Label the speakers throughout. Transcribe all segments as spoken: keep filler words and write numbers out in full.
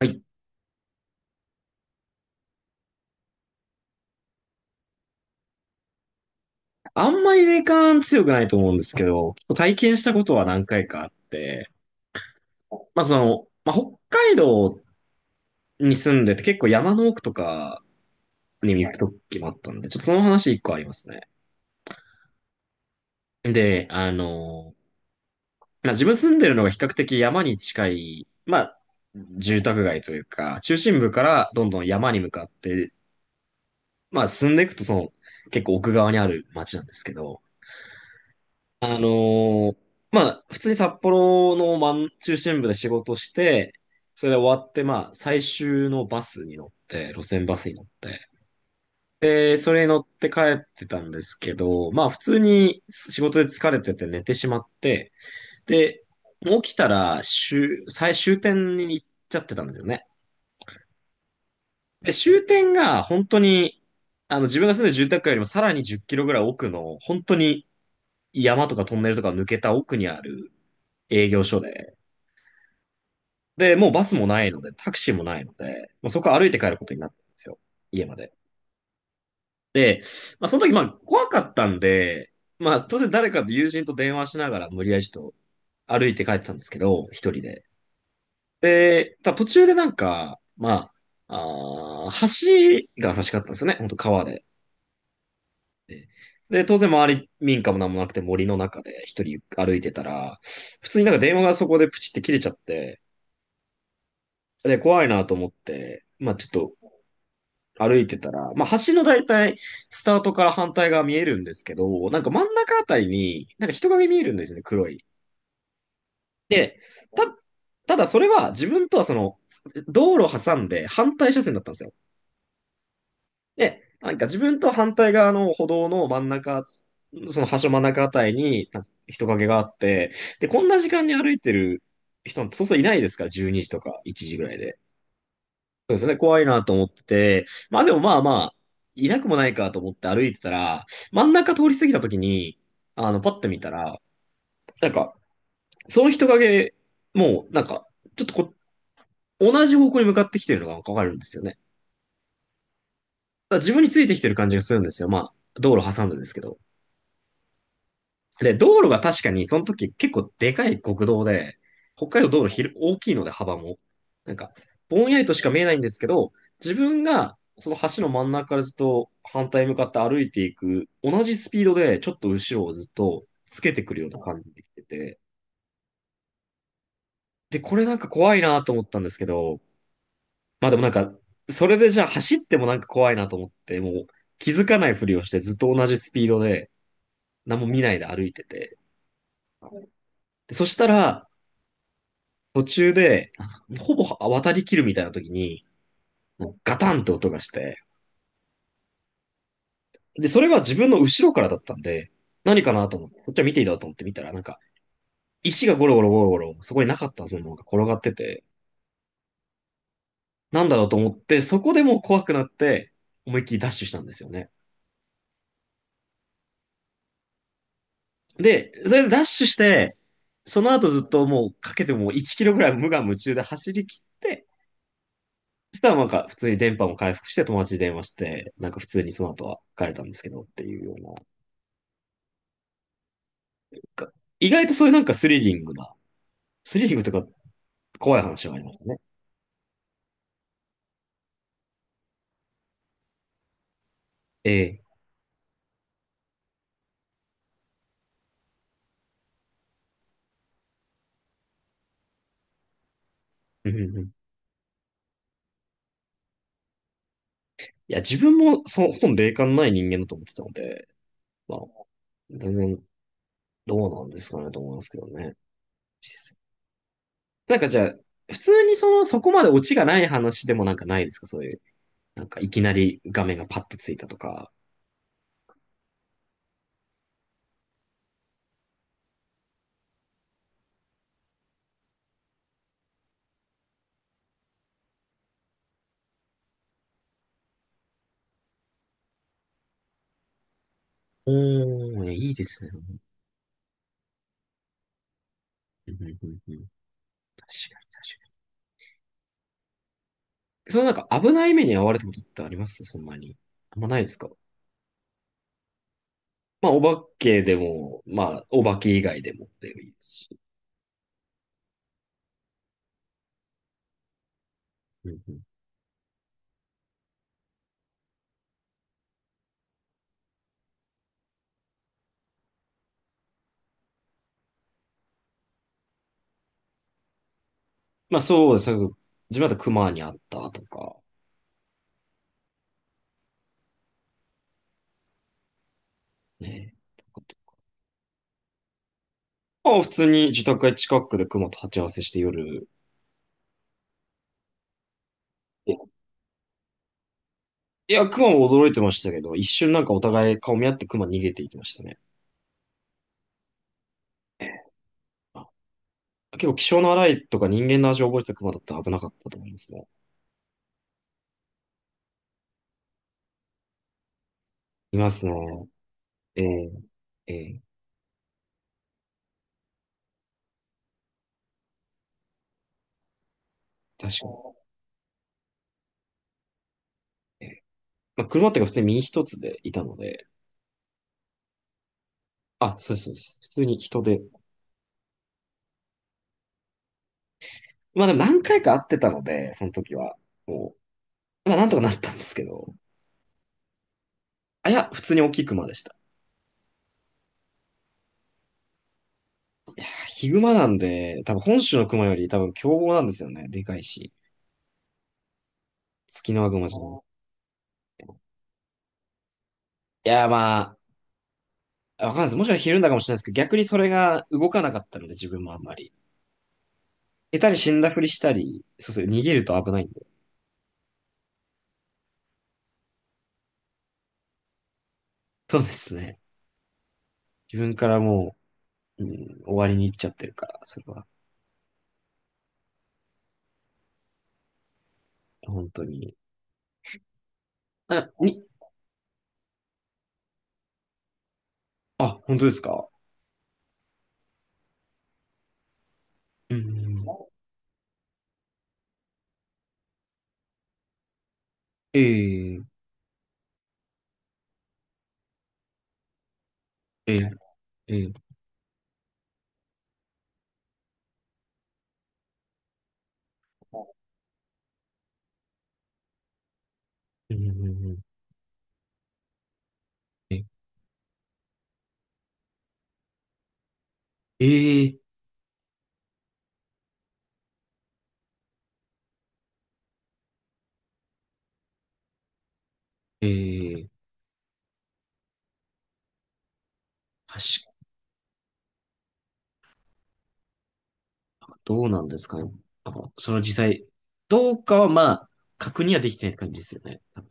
Speaker 1: はい。あんまり霊感強くないと思うんですけど、結構体験したことは何回かあって、まあその、まあ北海道に住んでて結構山の奥とかに行く時もあったんで、ちょっとその話一個ありますね。で、あの、まあ自分住んでるのが比較的山に近い、まあ住宅街というか、中心部からどんどん山に向かって、まあ進んでいくとその結構奥側にある街なんですけど、あのーまあ、普通に札幌の真ん中心部で仕事して、それで終わって、まあ、最終のバスに乗って、路線バスに乗って、で、それに乗って帰ってたんですけど、まあ、普通に仕事で疲れてて寝てしまって、で、もう起きたら終、最終点に行っちゃってたんですよね。で、終点が本当に、あの、自分が住んでる住宅街よりもさらにじゅっキロぐらい奥の、本当に山とかトンネルとか抜けた奥にある営業所で、で、もうバスもないので、タクシーもないので、もうそこは歩いて帰ることになったんですよ。家まで。で、まあ、その時、まあ、怖かったんで、まあ、当然誰かと友人と電話しながら、無理やりちょっと歩いて帰ってたんですけど、一人で。で、ただ途中でなんか、まあ、あー橋が差し掛かったんですよね。本当川で。でで、当然周り民家も何もなくて森の中で一人歩いてたら、普通になんか電話がそこでプチって切れちゃって、で、怖いなと思って、まあちょっと歩いてたら、まあ、橋の大体、スタートから反対側見えるんですけど、なんか真ん中あたりに、なんか人影見えるんですね、黒い。で、た、ただそれは自分とはその、道路挟んで反対車線だったんですよ。で、なんか自分と反対側の歩道の真ん中、その橋真ん中あたりになんか人影があって、で、こんな時間に歩いてる人、そうそういないですから、じゅうにじとかいちじぐらいで。そうですね、怖いなと思ってて、まあでもまあまあ、いなくもないかと思って歩いてたら、真ん中通り過ぎた時に、あの、パッと見たら、なんか、その人影、もう、なんか、ちょっとこ、同じ方向に向かってきてるのがわかるんですよね。だから自分についてきてる感じがするんですよ。まあ、道路挟んでですけど。で、道路が確かにその時結構でかい国道で、北海道道路ひる大きいので幅も、なんか、ぼんやりとしか見えないんですけど、自分がその橋の真ん中からずっと反対に向かって歩いていく、同じスピードでちょっと後ろをずっとつけてくるような感じで来てて、で、これなんか怖いなと思ったんですけど、まあでもなんか、それでじゃあ走ってもなんか怖いなと思って、もう気づかないふりをしてずっと同じスピードで何も見ないで歩いてて、でそしたら、途中で、ほぼ渡り切るみたいな時に、ガタンって音がして、で、それは自分の後ろからだったんで、何かなと思って、こっちは見ていいだろうと思って見たら、なんか、石がゴロゴロゴロゴロ、そこになかったはずのものが転がってて、なんだろうと思って、そこでもう怖くなって、思いっきりダッシュしたんですよね。で、それでダッシュして、その後ずっともうかけてもいちキロぐらい無我夢中で走り切って、そしたらなんか普通に電波も回復して友達に電話して、なんか普通にその後は帰れたんですけどっていうようなか、意外とそういうなんかスリリングな、スリリングとか怖い話がありましたね。ええ。うんうんうん。いや、自分もそうほとんど霊感のない人間だと思ってたので、まあ、全然どうなんですかねと思いますけどね。実際なんかじゃあ、普通にその、そこまでオチがない話でもなんかないですかそういう、なんかいきなり画面がパッとついたとか。おー、いやいいですね。その、うんうんうんうん、確かに確かに。そのなんか危ない目に遭われたことってありますそんなに。あんまないですか。まあ、お化けでも、まあ、お化け以外でもでもいいですし。うんうん。まあ、そうです。自分だと熊に会ったとか、ね。まあ、普通に自宅街近くで熊と鉢合わせして夜。いや、熊も驚いてましたけど、一瞬なんかお互い顔見合って熊逃げていきましたね。あ、結構気性の荒いとか人間の味を覚えてた熊だったら危なかったと思いますね。いますね。ええええ。確かに。ええ、まあ、車っていうか普通に身一つでいたので、あ、そうです、そうです。普通に人で、まあでも何回か会ってたので、その時は。もう、まあなんとかなったんですけど。あ、いや、普通に大きい熊でした。ヒグマなんで、多分本州の熊より多分凶暴なんですよね。でかいし。ツキノワグマじゃなくて。いや、まあ、わかんないです。もしかしたらひるんだかもしれないですけど、逆にそれが動かなかったので、自分もあんまり。下手に死んだふりしたり、そうそう、逃げると危ないんで。そうですね。自分からもう、うん、終わりに行っちゃってるから、それは。本当に。あ、に、あ、本当ですか。うん。ええええええうんうんうんえ、えええー確か、どうなんですかね。あの、その実際、どうかはまあ、確認はできてない感じですよね。多分。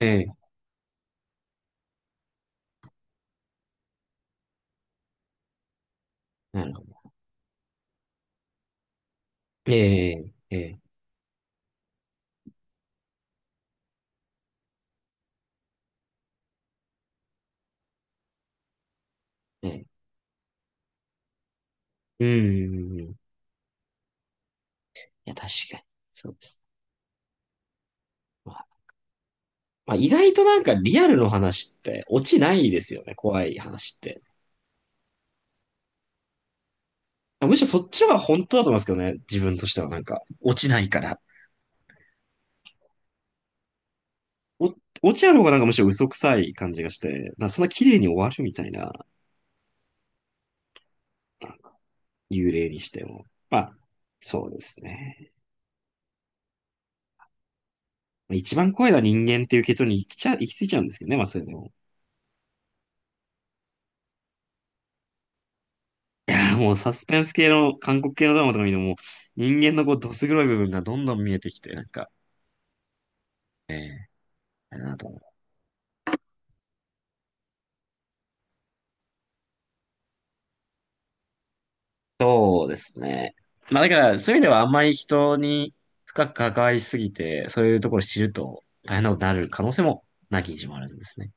Speaker 1: ええ。なるほど。ええええええうんうんうんうん。いや、確かに。そうです。まあ、まあ、意外となんかリアルの話って落ちないですよね。怖い話って。むしろそっちの方が本当だと思いますけどね。自分としてはなんか、落ちないから。お、落ちある方がなんかむしろ嘘くさい感じがして、なんかそんな綺麗に終わるみたいな。幽霊にしても。まあ、そうですね。一番怖いのは人間っていう結論に行きちゃ、行き着いちゃうんですけどね、まあそれでも。もうサスペンス系の、韓国系のドラマとか見ても、もう人間のこう、どす黒い部分がどんどん見えてきて、なんか、ええ、あれだなと思う。そうですね。まあだから、そういう意味ではあんまり人に深く関わりすぎて、そういうところを知ると大変なことになる可能性もなきにしもあらずですね。